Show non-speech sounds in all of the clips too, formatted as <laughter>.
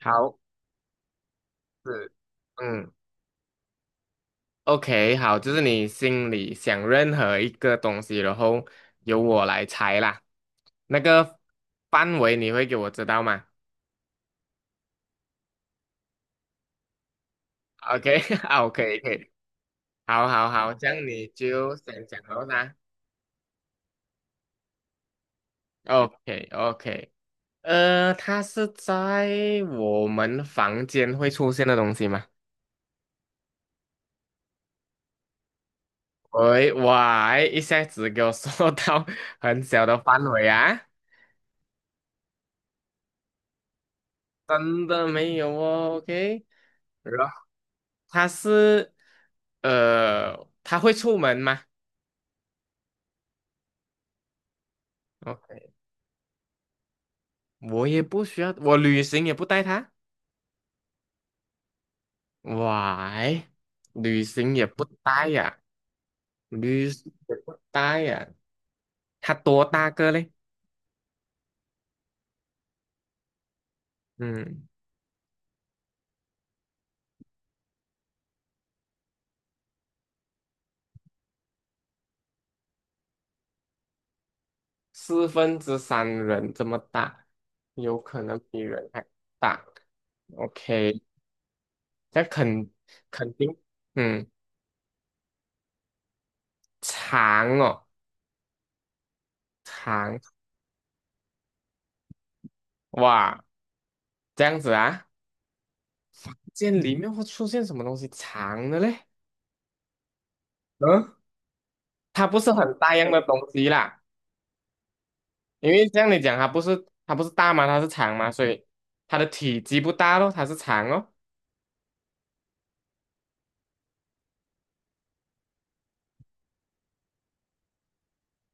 好，是，嗯，OK，好，就是你心里想任何一个东西，然后由我来猜啦。那个范围你会给我知道吗？OK，<laughs> 可以，好好好，这样你就想讲了啦。OK，OK，它是在我们房间会出现的东西吗？喂，哇，一下子给我 <laughs> 说到很小的范围啊，真的没有哦，OK。他是呃，他会出门吗？OK，我也不需要，我旅行也不带他。Why？旅行也不带呀、旅行也不带呀、他多大个嘞？嗯，四分之三人这么大，有可能比人还大。OK，那肯定，嗯，长哦，长，哇，这样子啊，这里面会出现什么东西长的嘞？嗯，它不是很大样的东西啦，因为像你讲，它不是大吗？它是长吗？所以它的体积不大咯，它是长哦。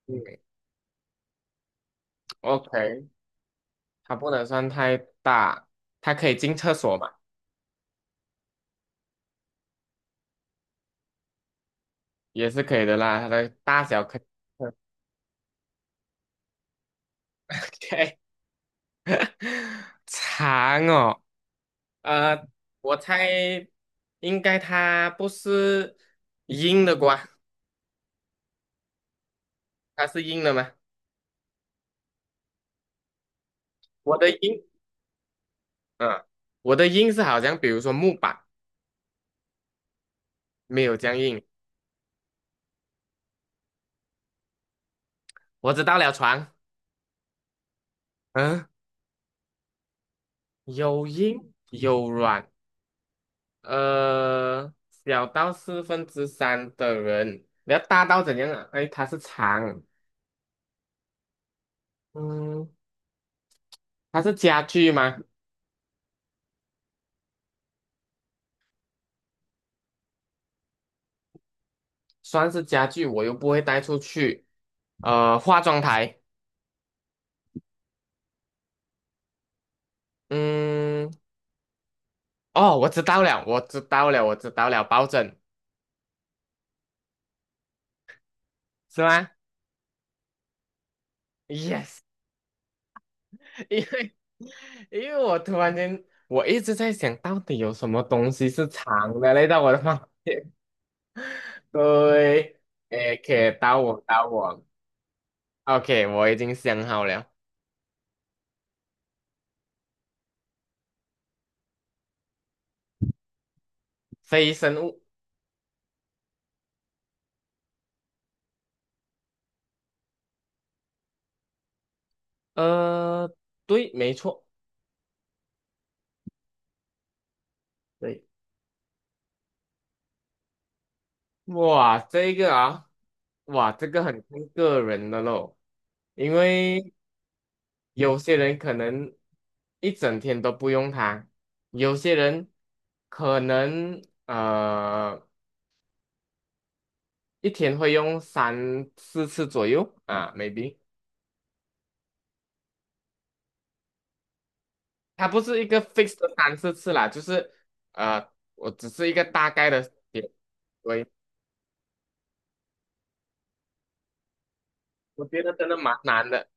嗯，OK，它不能算太大，它可以进厕所嘛，也是可以的啦，它的大小可以 OK，<laughs> 长哦，呃，我猜应该它不是硬的瓜，它是硬的吗？我的硬，嗯，我的硬是好像比如说木板没有僵硬，我知道了，床。嗯，有硬有软，呃，小到四分之三的人，你要大到怎样啊？哎，它是长，嗯，它是家具吗？算是家具，我又不会带出去。化妆台，嗯，哦，我知道了，我知道了，我知道了，抱枕是吗？Yes，<laughs> 因为因为我突然间，我一直在想到底有什么东西是长的嘞，到我的方对，诶，可以到我，OK，我已经想好了，非生物，呃，对，没错，对，哇，这个啊，哇，这个很看个人的咯，因为有些人可能一整天都不用它，有些人可能一天会用三四次左右啊，maybe。它不是一个 fix 的三四次啦，就是呃，我只是一个大概的点。对，我觉得真的蛮难的。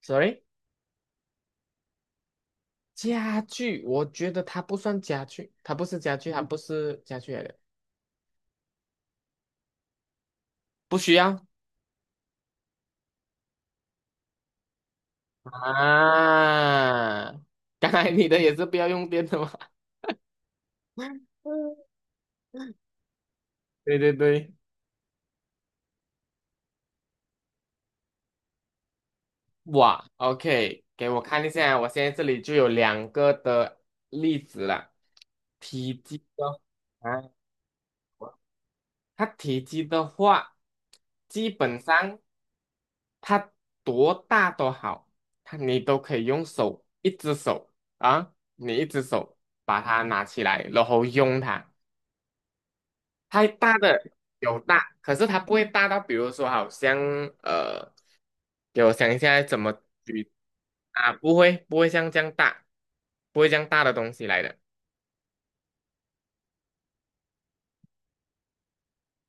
Sorry，家具，我觉得它不算家具，它不是家具，它不是家具来的，不需要啊。刚才你的也是不要用电的吗？<laughs> 嗯对对对，哇，OK，给我看一下，我现在这里就有两个的例子了。体积哦，啊。它体积的话，基本上它多大都好，它你都可以用手，一只手啊，你一只手把它拿起来，然后用它。太大的有大，可是它不会大到，比如说好像呃，给我想一下怎么举啊，不会像这样大，不会这样大的东西来的。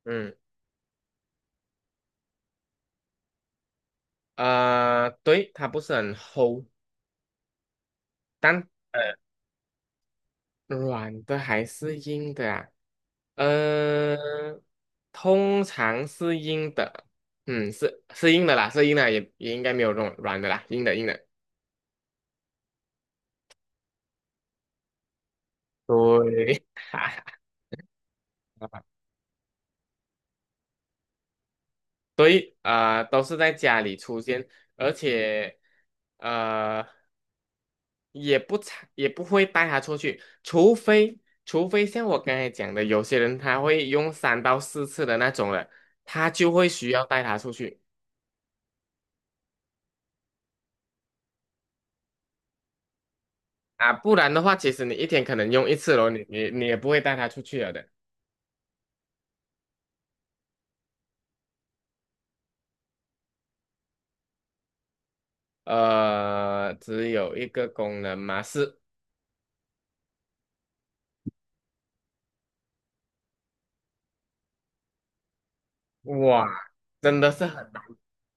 嗯，对，它不是很厚，但呃软的还是硬的啊？呃，通常是硬的，嗯，是硬的啦，是硬的，也应该没有这种软的啦，硬的硬的。对，<laughs> 所以都是在家里出现，而且呃，也不常也不会带它出去，除非像我刚才讲的，有些人他会用三到四次的那种了，他就会需要带它出去。啊，不然的话，其实你一天可能用一次咯，你也不会带它出去了的。只有一个功能嘛，是哇，真的是很难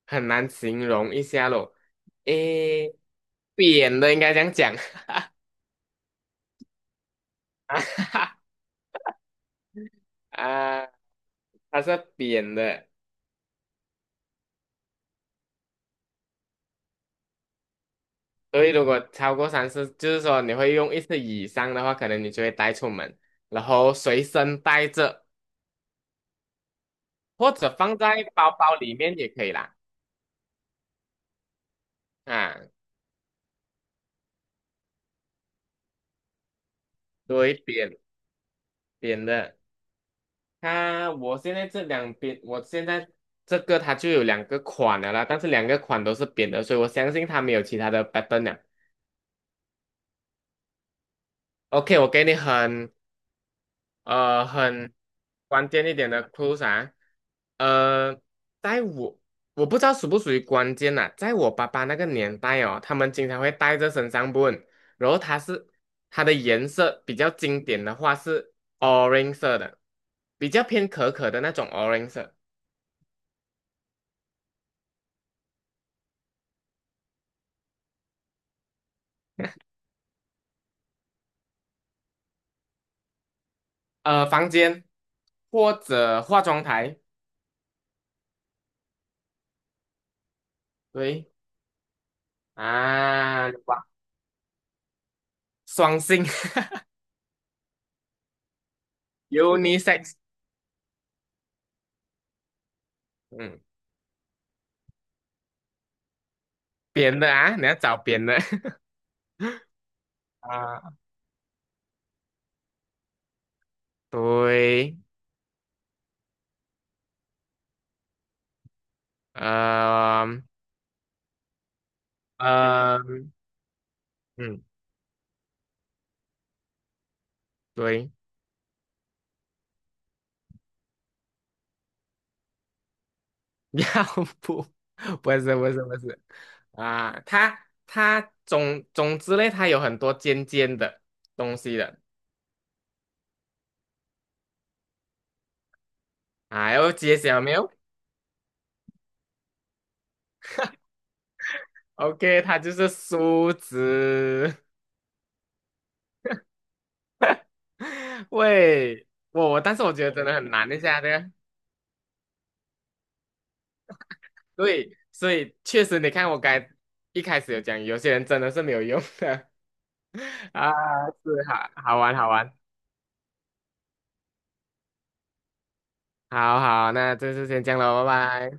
很难形容一下咯。诶，扁的应该这样讲 <laughs> 啊哈哈 <laughs> 啊，它是扁的，所以如果超过三次，就是说你会用一次以上的话，可能你就会带出门，然后随身带着，或者放在包包里面也可以啦。啊，对，扁扁的。它我现在这两边，我现在这个它就有两个款的啦，但是两个款都是扁的，所以我相信它没有其他的版本 了。OK，我给你很关键一点的 clues 啊，呃，在我不知道属不属于关键呐、在我爸爸那个年代哦，他们经常会带着身上 然后它的颜色比较经典的话是 orange 色的，比较偏可可的那种 orange 色。房间或者化妆台，对啊，哇，双性 <laughs> unisex，嗯，扁的啊，你要找扁的 <laughs> 啊，对，呃，呃，嗯，对，<laughs> 要不，<laughs> 不是不是不是啊，它总之类，它有很多尖尖的东西的啊，要揭晓没有？OK，它就是梳子。<laughs> 喂，我，但是我觉得真的很难一下的，对，所以确实你看我该一开始有讲，有些人真的是没有用的 <laughs> 啊，是好好玩好玩，好好，那这次先这样了，拜拜。